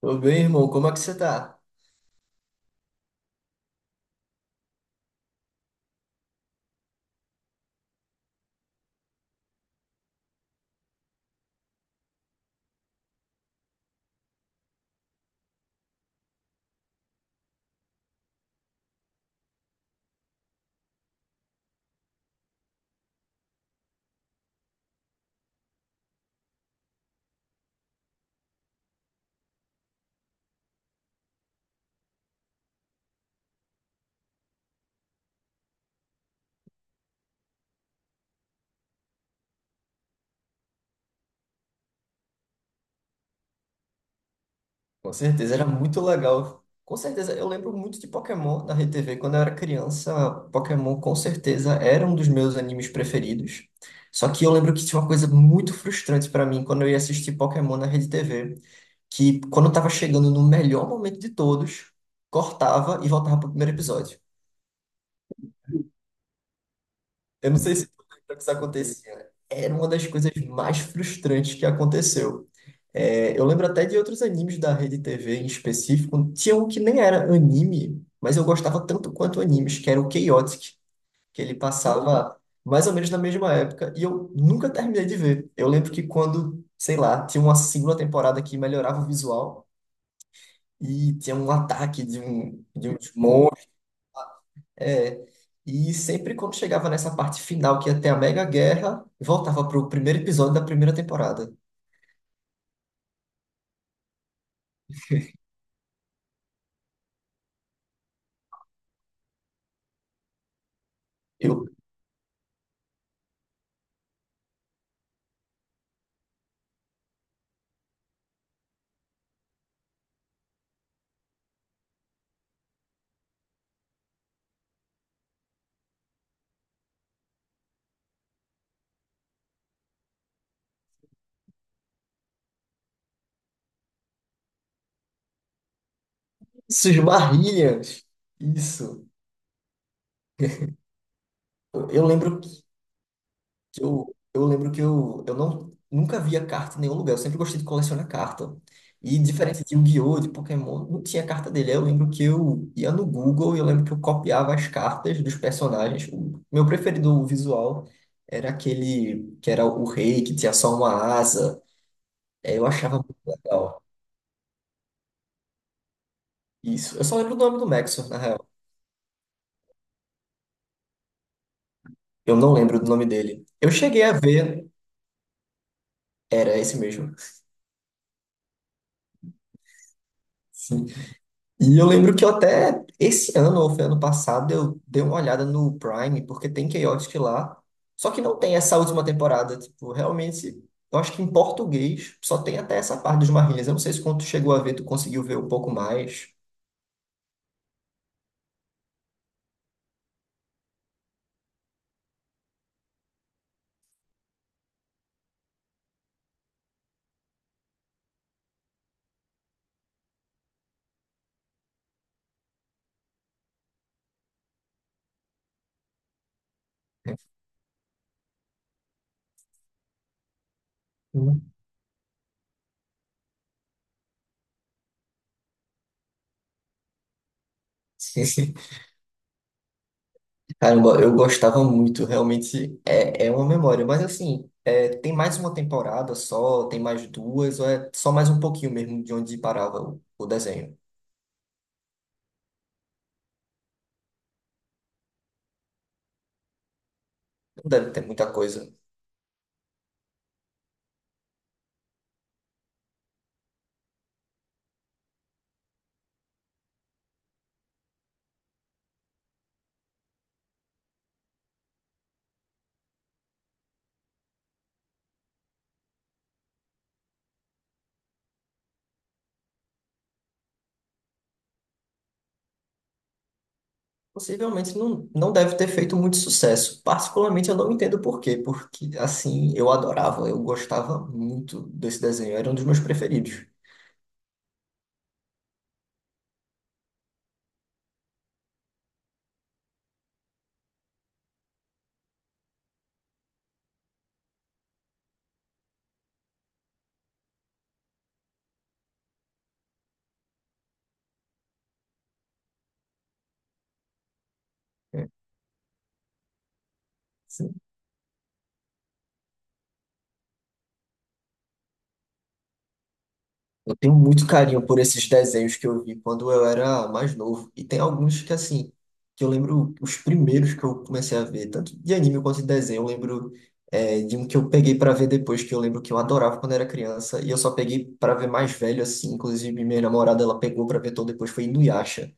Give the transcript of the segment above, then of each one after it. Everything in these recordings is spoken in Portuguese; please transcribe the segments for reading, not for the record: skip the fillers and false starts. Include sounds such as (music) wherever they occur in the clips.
Tô bem, irmão. Como é que você tá? Com certeza, era muito legal. Com certeza, eu lembro muito de Pokémon da Rede TV. Quando eu era criança, Pokémon com certeza era um dos meus animes preferidos. Só que eu lembro que tinha uma coisa muito frustrante pra mim quando eu ia assistir Pokémon na Rede TV, que quando eu tava chegando no melhor momento de todos, cortava e voltava pro primeiro episódio. Eu não sei se tu lembra que isso acontecia. Era uma das coisas mais frustrantes que aconteceu. É, eu lembro até de outros animes da Rede TV em específico. Tinha um que nem era anime, mas eu gostava tanto quanto animes, que era o Chaotic, que ele passava mais ou menos na mesma época, e eu nunca terminei de ver. Eu lembro que quando, sei lá, tinha uma segunda temporada que melhorava o visual, e tinha um ataque de, um, de uns é, e sempre quando chegava nessa parte final, que ia ter a mega guerra, voltava pro primeiro episódio da primeira temporada. Eu, isso, esbarrilhas! Isso. Eu, eu lembro que eu lembro que eu não, nunca via carta em nenhum lugar. Eu sempre gostei de colecionar carta. E diferente de Yu-Gi-Oh!, de Pokémon, não tinha carta dele. Aí eu lembro que eu ia no Google e eu lembro que eu copiava as cartas dos personagens. O meu preferido visual era aquele que era o rei, que tinha só uma asa. É, eu achava muito legal isso. Eu só lembro do nome do Maxwell, na real. Eu não lembro do nome dele. Eu cheguei a ver, era esse mesmo. Sim. E eu lembro que eu até esse ano, ou foi ano passado, eu dei uma olhada no Prime, porque tem Chaotic lá. Só que não tem essa última temporada. Tipo, realmente, eu acho que em português só tem até essa parte dos Marlinhas. Eu não sei se quando tu chegou a ver, tu conseguiu ver um pouco mais. Hum. (laughs) Caramba, eu gostava muito, realmente é uma memória, mas assim, tem mais uma temporada só, tem mais duas, ou é só mais um pouquinho mesmo de onde parava o desenho. Não deve ter muita coisa. Possivelmente não deve ter feito muito sucesso. Particularmente eu não entendo por quê, porque assim, eu adorava, eu gostava muito desse desenho, era um dos meus preferidos. É. Eu tenho muito carinho por esses desenhos que eu vi quando eu era mais novo. E tem alguns que, assim, que eu lembro os primeiros que eu comecei a ver, tanto de anime quanto de desenho. Eu lembro, de um que eu peguei para ver depois, que eu lembro que eu adorava quando era criança. E eu só peguei para ver mais velho, assim. Inclusive, minha namorada, ela pegou para ver todo depois, foi Inuyasha.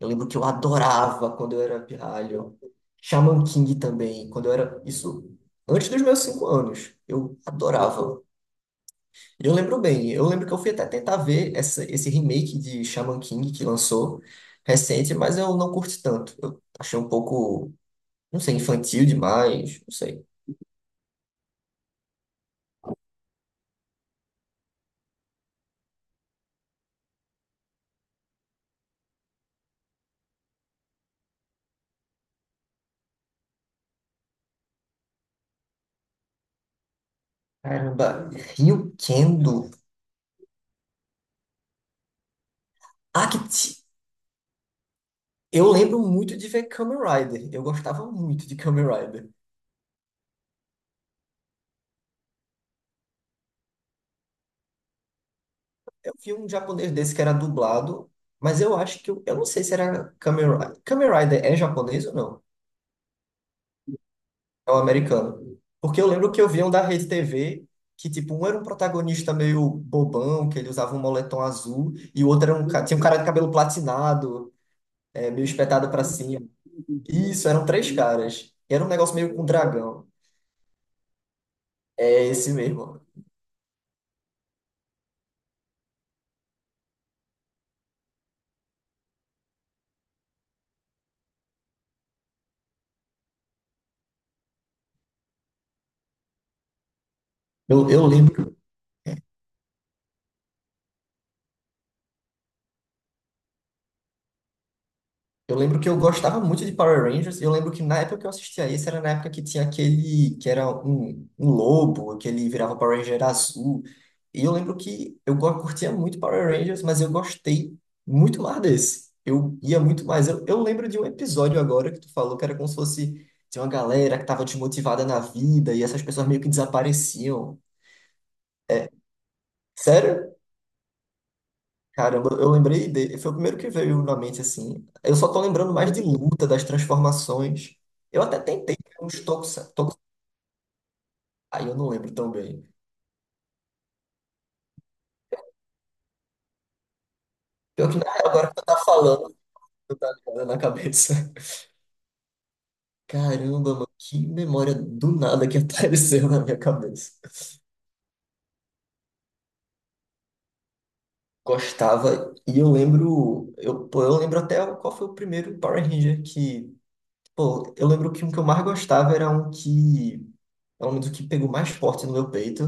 Eu lembro que eu adorava quando eu era pirralho. Shaman King também, quando eu era... Isso antes dos meus 5 anos. Eu adorava. Eu lembro bem, eu lembro que eu fui até tentar ver esse remake de Shaman King que lançou recente, mas eu não curti tanto. Eu achei um pouco, não sei, infantil demais, não sei. Caramba, Ryu Kendo. Ah, eu lembro muito de ver Kamen Rider. Eu gostava muito de Kamen Rider. Eu vi um japonês desse que era dublado, mas eu acho que eu não sei se era Kamen Rider. Kamen Rider é japonês ou não? É o americano. Porque eu lembro que eu vi um da Rede TV que, tipo, um era um protagonista meio bobão, que ele usava um moletom azul, e o outro era tinha um cara de cabelo platinado, meio espetado pra cima. Isso, eram três caras. E era um negócio meio com dragão. É esse mesmo. Eu lembro. Eu lembro que eu gostava muito de Power Rangers, e eu lembro que na época que eu assistia isso, era na época que tinha aquele, que era um lobo, que ele virava Power Ranger azul. E eu lembro que eu curtia muito Power Rangers, mas eu gostei muito mais desse. Eu ia muito mais. Eu lembro de um episódio agora que tu falou que era como se fosse de uma galera que tava desmotivada na vida, e essas pessoas meio que desapareciam. Sério? Caramba, eu lembrei dele. Foi o primeiro que veio na mente, assim. Eu só tô lembrando mais de luta, das transformações. Eu até tentei né, uns tokusai, eu não lembro tão bem. Pior que na real, agora que tu tá falando, tu tá ligado na cabeça. (laughs) Caramba, mano, que memória do nada que apareceu na minha cabeça. Gostava, e eu lembro, pô, eu lembro até qual foi o primeiro Power Ranger que, pô, eu lembro que um que eu mais gostava era um que, pelo menos o que pegou mais forte no meu peito,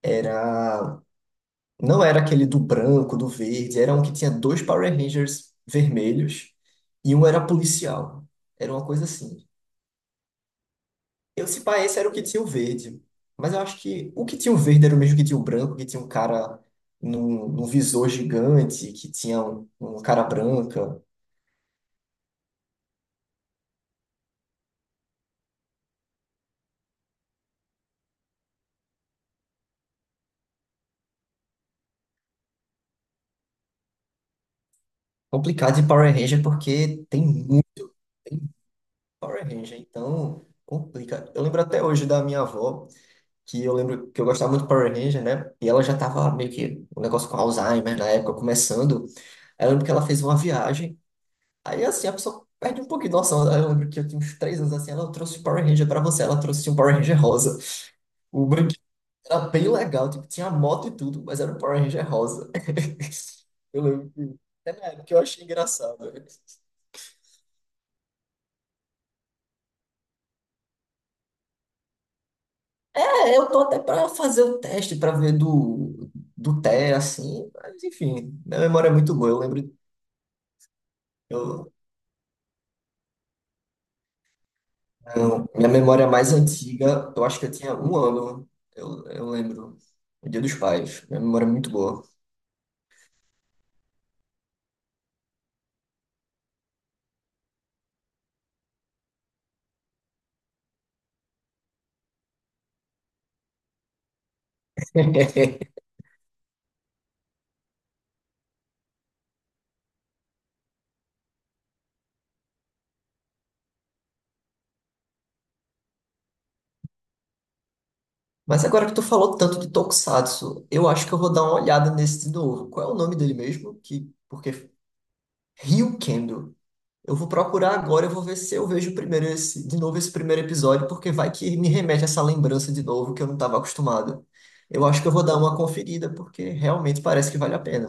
era não era aquele do branco, do verde, era um que tinha dois Power Rangers vermelhos e um era policial. Era uma coisa assim. Eu, se pá, esse era o que tinha o verde. Mas eu acho que o que tinha o verde era o mesmo que tinha o branco, que tinha um cara num visor gigante, que tinha um cara branca. Complicado de Power Ranger porque tem muito Power Ranger, então complica. Eu lembro até hoje da minha avó, que eu lembro que eu gostava muito de Power Ranger, né? E ela já tava meio que um negócio com Alzheimer na época, começando. Aí eu lembro que ela fez uma viagem. Aí assim, a pessoa perde um pouquinho de noção. Aí eu lembro que eu tinha uns 3 anos assim, ela trouxe o Power Ranger pra você, ela trouxe um Power Ranger rosa. O brinquedo era bem legal, tipo, tinha moto e tudo, mas era um Power Ranger rosa. (laughs) Eu lembro que até na época eu achei engraçado. É, eu tô até pra fazer um teste pra ver do, Té, assim, mas enfim, minha memória é muito boa. Eu lembro. Eu Não, minha memória mais antiga, eu acho que eu tinha 1 ano, eu lembro. O Dia dos Pais. Minha memória é muito boa. (laughs) Mas agora que tu falou tanto de Tokusatsu, eu acho que eu vou dar uma olhada nesse de novo. Qual é o nome dele mesmo? Que, porque Ryukendo. Eu vou procurar agora, eu vou ver se eu vejo primeiro esse, de novo esse primeiro episódio, porque vai que me remete a essa lembrança de novo que eu não estava acostumado. Eu acho que eu vou dar uma conferida, porque realmente parece que vale a pena.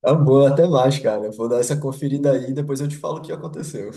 Tá bom, até mais, cara. Vou dar essa conferida aí e depois eu te falo o que aconteceu.